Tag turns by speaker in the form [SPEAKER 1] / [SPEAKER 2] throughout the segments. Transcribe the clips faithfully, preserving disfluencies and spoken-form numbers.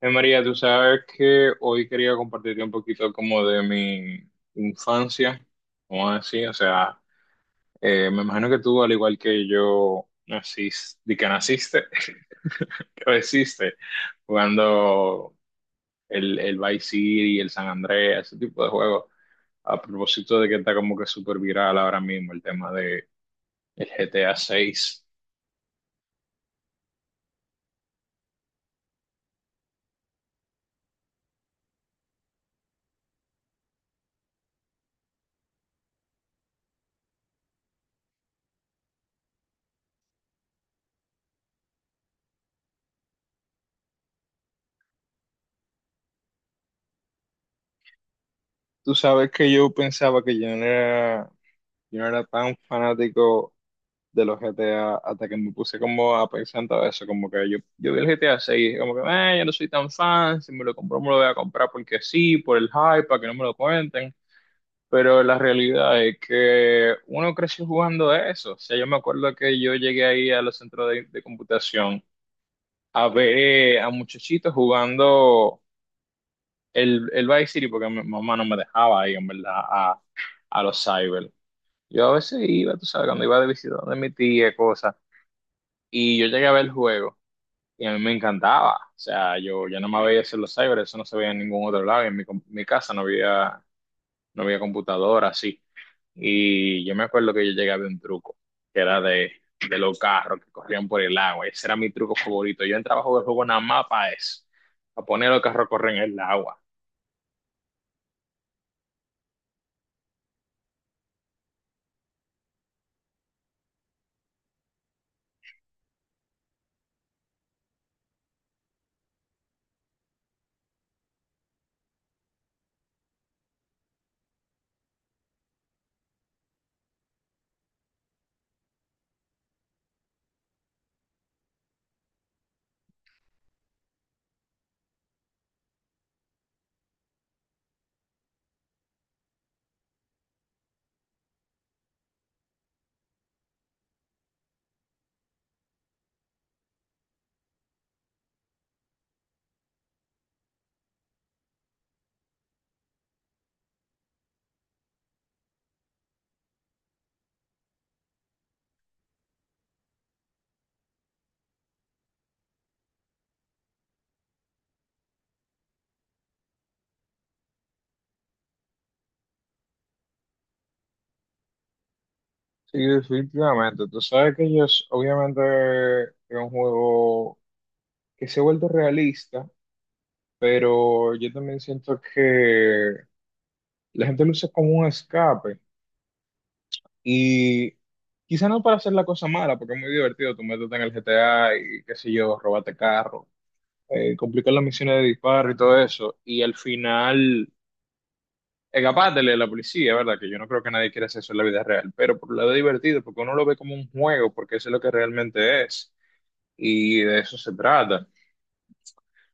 [SPEAKER 1] Eh, María, tú sabes que hoy quería compartirte un poquito como de mi infancia, como así, o sea, eh, me imagino que tú, al igual que yo, naciste, de que naciste, creciste jugando el, el Vice City, el San Andreas, ese tipo de juegos, a propósito de que está como que súper viral ahora mismo el tema de el G T A seis. Tú sabes que yo pensaba que yo no era, yo no era tan fanático de los G T A hasta que me puse como a pensar en todo eso, como que yo, yo vi el G T A seis como que, eh, yo no soy tan fan, si me lo compro me lo voy a comprar porque sí, por el hype, para que no me lo cuenten, pero la realidad es que uno creció jugando a eso, o sea, yo me acuerdo que yo llegué ahí a los centros de, de computación a ver eh, a muchachitos jugando el, el Vice City porque mi mamá no me dejaba ahí, en verdad, a, a los cyber. Yo a veces iba, tú sabes, cuando iba de visita de mi tía, cosas. Y yo llegué a ver el juego y a mí me encantaba. O sea, yo, yo no me veía hacer los cyber, eso no se veía en ningún otro lado. Y en mi, com- mi casa no había, no había computadora así. Y yo me acuerdo que yo llegué a ver un truco, que era de, de los carros que corrían por el agua. Ese era mi truco favorito. Yo entraba a jugar el juego nada más para eso, a poner los carros a correr en el agua. Sí, definitivamente. Tú sabes que ellos, obviamente, es un juego que se ha vuelto realista, pero yo también siento que la gente lo usa como un escape y quizá no para hacer la cosa mala, porque es muy divertido, tú métete en el G T A y qué sé yo, robarte carro, eh, complicar las misiones de disparo y todo eso, y al final escapátele a la policía, ¿verdad? Que yo no creo que nadie quiera hacer eso en la vida real, pero por un lado es divertido, porque uno lo ve como un juego, porque eso es lo que realmente es, y de eso se trata.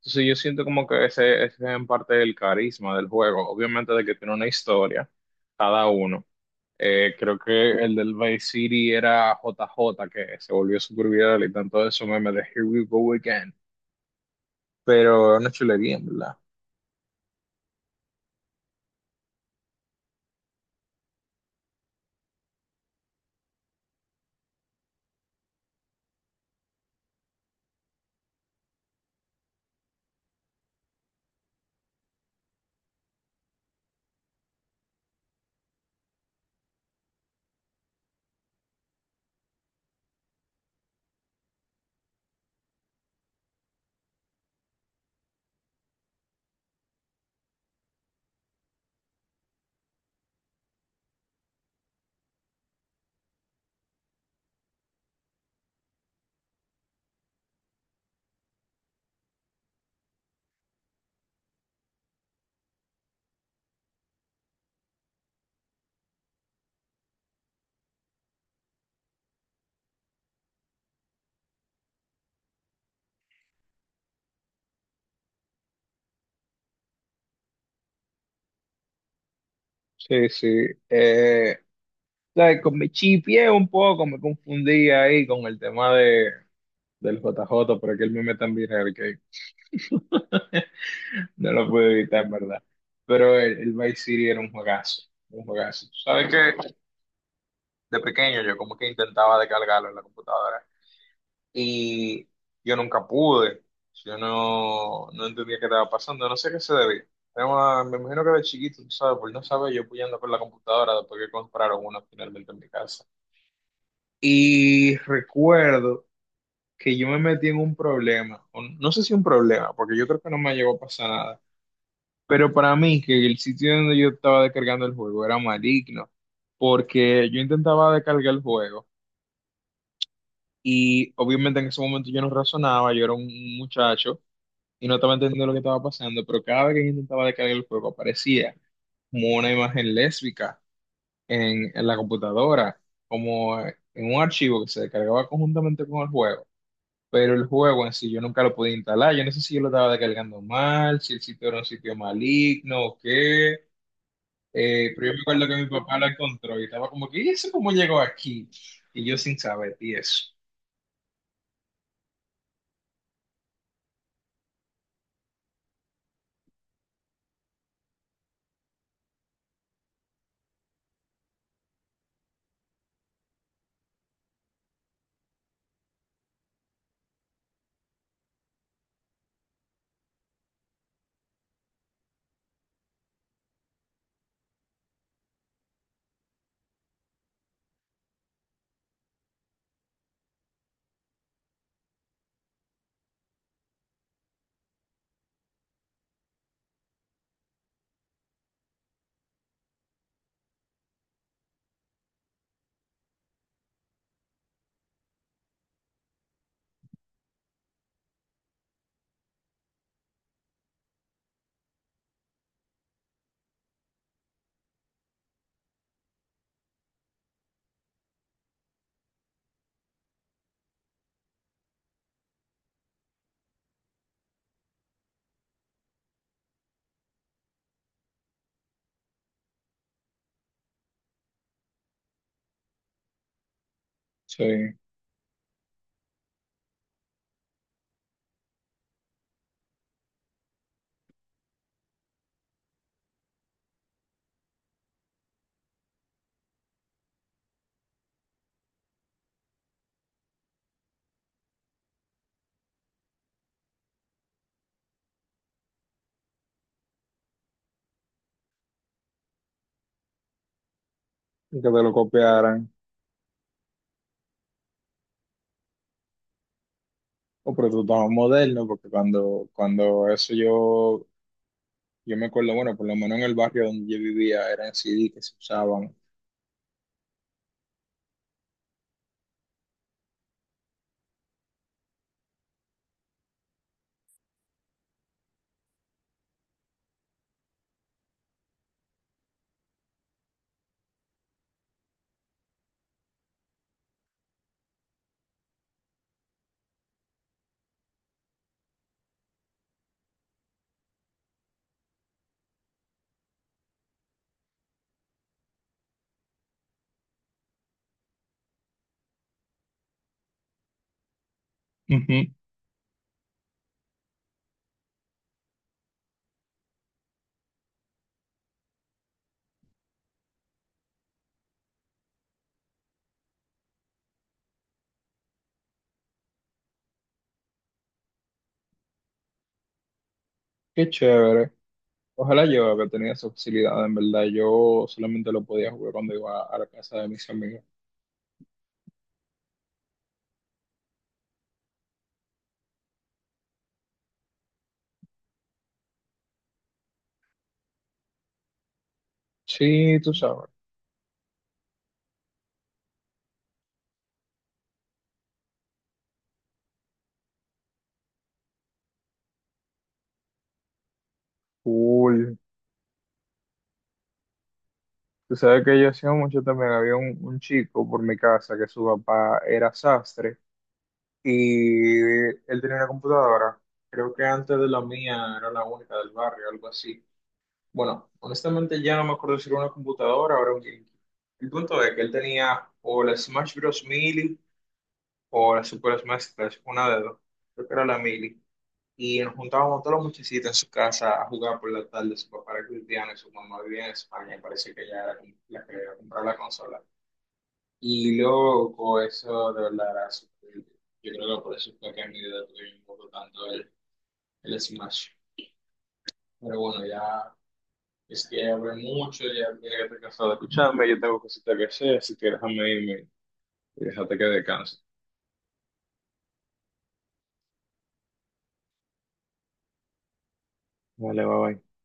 [SPEAKER 1] Entonces yo siento como que ese, ese es en parte el carisma del juego, obviamente de que tiene una historia, cada uno. Eh, creo que el del Vice City era J J que se volvió súper viral y tanto de eso meme de Here We Go Again. Pero es una chulería, ¿en verdad? Sí, sí. Eh, like, con mi chipié un poco, me confundí ahí con el tema de, del J J pero que el meme también era el que no lo pude evitar, ¿en verdad? Pero el, el Vice City era un juegazo, un juegazo. Tú sabes que de pequeño yo como que intentaba descargarlo en la computadora y yo nunca pude. Yo no, no entendía qué estaba pasando, no sé qué se debía. Era una- me imagino que de chiquito, tú sabes, por no saber, yo puyando por la computadora después que compraron una finalmente en mi casa. Y recuerdo que yo me metí en un problema, o no sé si un problema, porque yo creo que no me llegó a pasar nada, pero para mí que el sitio donde yo estaba descargando el juego era maligno, porque yo intentaba descargar el juego y obviamente en ese momento yo no razonaba, yo era un muchacho y no estaba entendiendo lo que estaba pasando, pero cada vez que yo intentaba descargar el juego aparecía como una imagen lésbica en, en la computadora, como en un archivo que se descargaba conjuntamente con el juego. Pero el juego en sí yo nunca lo podía instalar, yo no sé si yo lo estaba descargando mal, si el sitio era un sitio maligno o qué. Eh, pero yo me acuerdo que mi papá lo encontró y estaba como que, ¿y eso cómo llegó aquí? Y yo sin saber, y eso. Sí, y que te lo copiaran. Oh, pero tú estabas moderno, porque cuando, cuando eso yo. Yo me acuerdo, bueno, por lo menos en el barrio donde yo vivía eran C D que se usaban. Ujú. Qué chévere. Ojalá yo haber tenido esa facilidad, en verdad. Yo solamente lo podía jugar cuando iba a la casa de mis amigos. Sí, tú sabes. Cool. Tú sabes que yo hacía mucho también. Había un, un chico por mi casa que su papá era sastre y él tenía una computadora. Creo que antes de la mía era la única del barrio, algo así. Bueno, honestamente ya no me acuerdo si era una computadora o era un GameCube. El punto es que él tenía o la Smash Bros. Melee o la Super Smash Bros. Una de dos. Creo que era la Melee. Y nos juntábamos todos los muchachitos en su casa a jugar por la tarde. Su papá era cristiano y su mamá vivía en España y parece que ella era la que iba a comprar la consola. Y luego eso de verdad era súper divertido. Yo creo que por eso fue que en mi vida tuve un poco tanto el, el Smash. Pero bueno, ya. Es que abre mucho, ya mira que te cansado de escucharme, yo tengo cositas que hacer, así que déjame irme y déjate que descanse. Vale, bye bye.